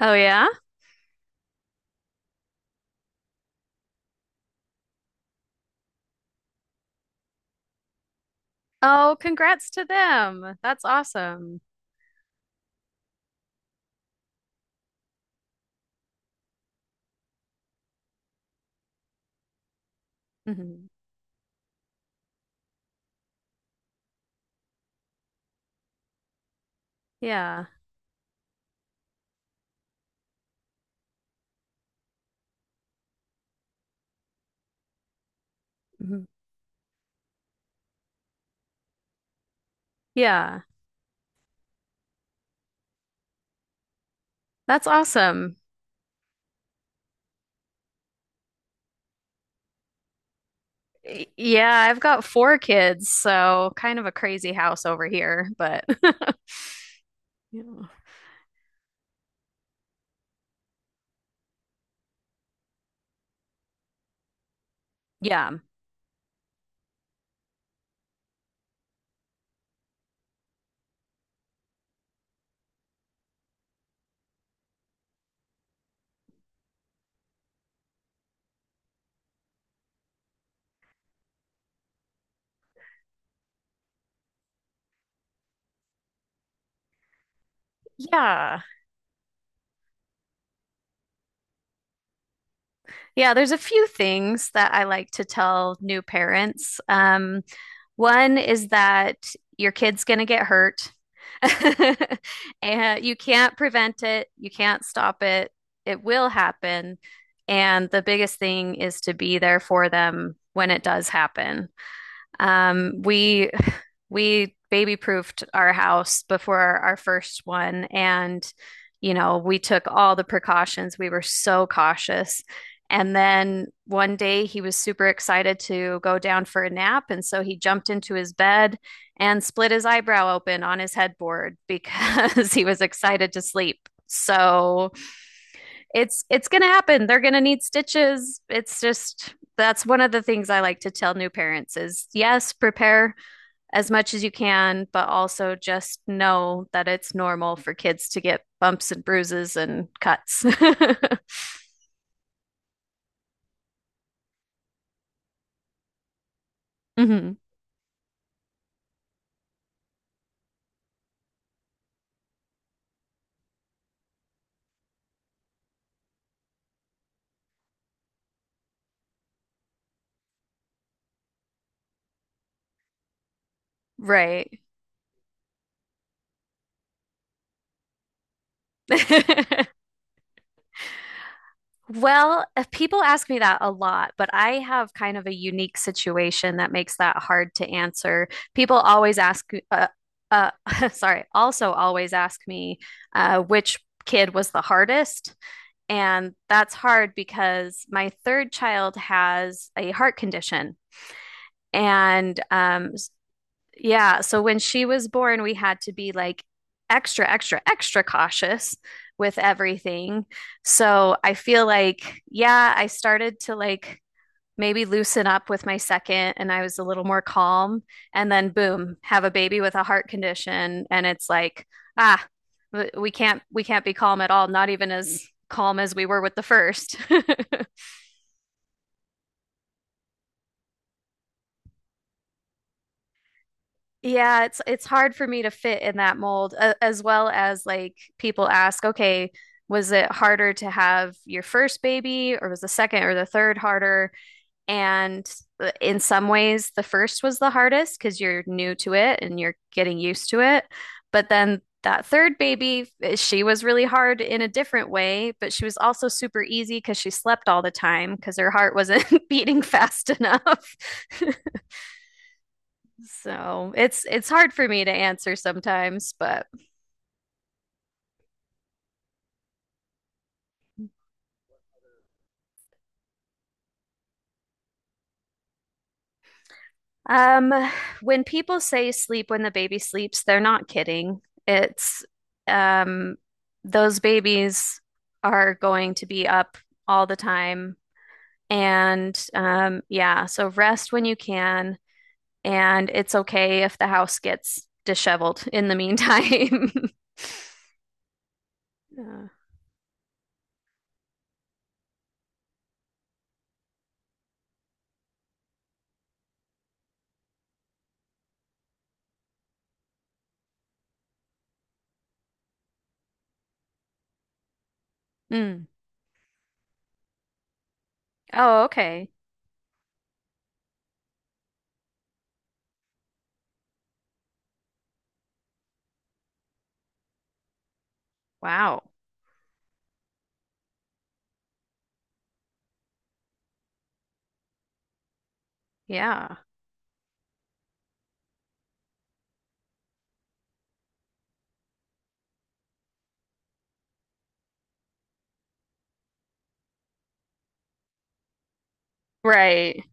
Oh yeah? Oh, congrats to them. That's awesome. Hmm Yeah. hmm Yeah. That's awesome. Yeah, I've got four kids, so kind of a crazy house over here, but Yeah. Yeah. Yeah. Yeah, there's a few things that I like to tell new parents. One is that your kid's going to get hurt and you can't prevent it, you can't stop it. It will happen. And the biggest thing is to be there for them when it does happen. We baby proofed our house before our first one, and you know, we took all the precautions. We were so cautious. And then one day he was super excited to go down for a nap, and so he jumped into his bed and split his eyebrow open on his headboard because he was excited to sleep. So it's gonna happen. They're gonna need stitches. It's just that's one of the things I like to tell new parents is yes, prepare as much as you can, but also just know that it's normal for kids to get bumps and bruises and cuts. Mhm. Right. Well, people ask me that a lot, but I have kind of a unique situation that makes that hard to answer. People always ask, uh, sorry, also always ask me which kid was the hardest. And that's hard because my third child has a heart condition. And yeah, so when she was born, we had to be like extra, extra, extra cautious with everything. So I feel like, yeah, I started to like maybe loosen up with my second and I was a little more calm. And then, boom, have a baby with a heart condition. And it's like, ah, we can't be calm at all, not even as calm as we were with the first. Yeah, it's hard for me to fit in that mold, as well as like people ask, okay, was it harder to have your first baby, or was the second or the third harder? And in some ways, the first was the hardest because you're new to it and you're getting used to it. But then that third baby, eh, she was really hard in a different way, but she was also super easy because she slept all the time because her heart wasn't beating fast enough. So it's hard for me to answer sometimes, but um, when people say sleep when the baby sleeps, they're not kidding. It's um, those babies are going to be up all the time. And yeah, so rest when you can. And it's okay if the house gets disheveled in the meantime. Yeah. Mm. Oh, okay. Wow. Yeah. Right.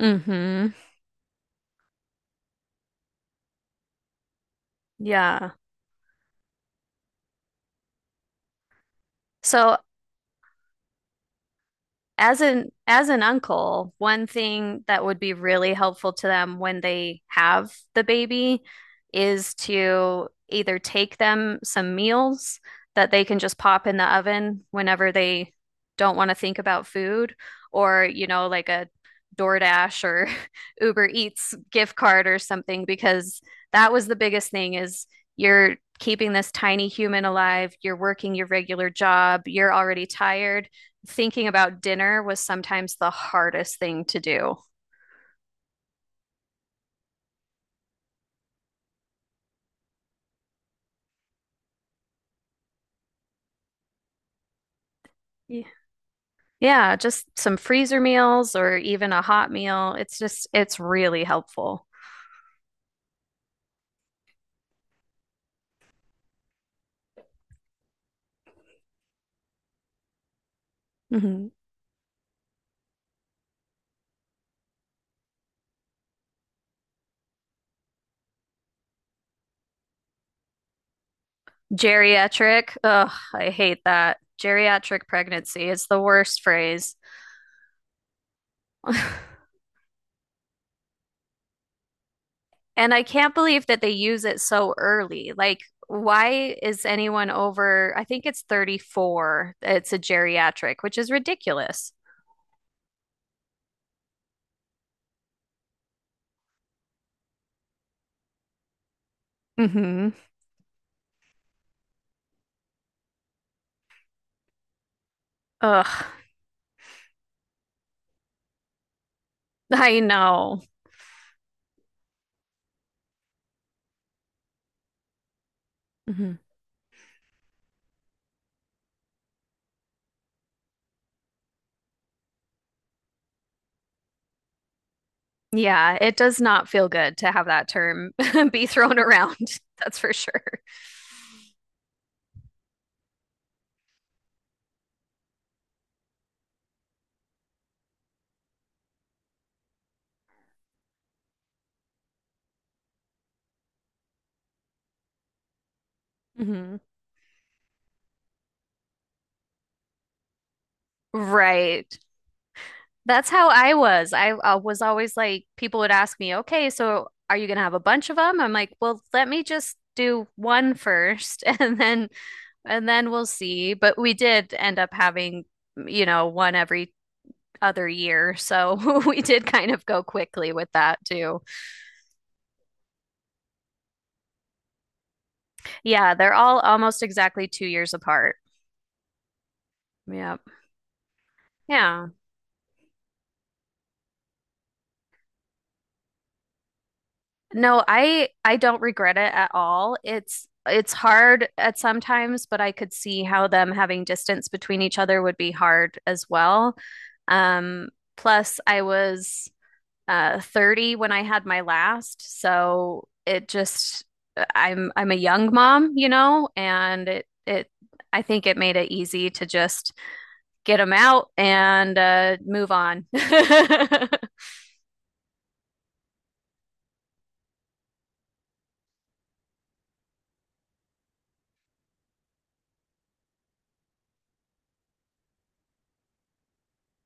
Mm-hmm. Yeah. So as an uncle, one thing that would be really helpful to them when they have the baby is to either take them some meals that they can just pop in the oven whenever they don't want to think about food, or like a DoorDash or Uber Eats gift card or something, because that was the biggest thing is you're keeping this tiny human alive, you're working your regular job, you're already tired thinking about dinner was sometimes the hardest thing to do. Yeah. Yeah, just some freezer meals or even a hot meal. It's just, it's really helpful. Mhm. Geriatric, ugh, I hate that. Geriatric pregnancy, it's the worst phrase. And I can't believe that they use it so early. Like, why is anyone over, I think it's 34, it's a geriatric, which is ridiculous. Mhm. Ugh, I know. Mhm. Yeah, it does not feel good to have that term be thrown around. That's for sure. hmm Right. That's how I was. I was always like, people would ask me, okay, so are you going to have a bunch of them? I'm like, well, let me just do one first and then we'll see. But we did end up having, you know, one every other year. So we did kind of go quickly with that too. Yeah, they're all almost exactly 2 years apart. Yep. Yeah. No, I don't regret it at all. It's hard at sometimes, but I could see how them having distance between each other would be hard as well. Um, plus I was 30 when I had my last, so it just I'm a young mom, you know, and it I think it made it easy to just get them out and move on.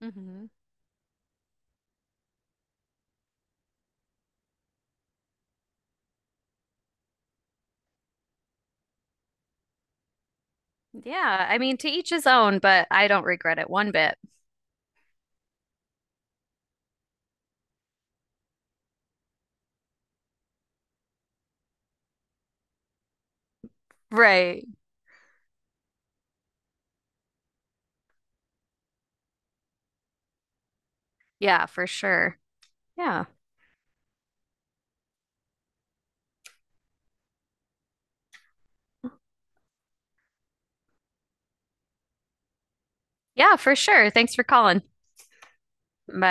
hmm Yeah, I mean, to each his own, but I don't regret it one bit. Right. Yeah, for sure. Yeah. Yeah, for sure. Thanks for calling. Bye.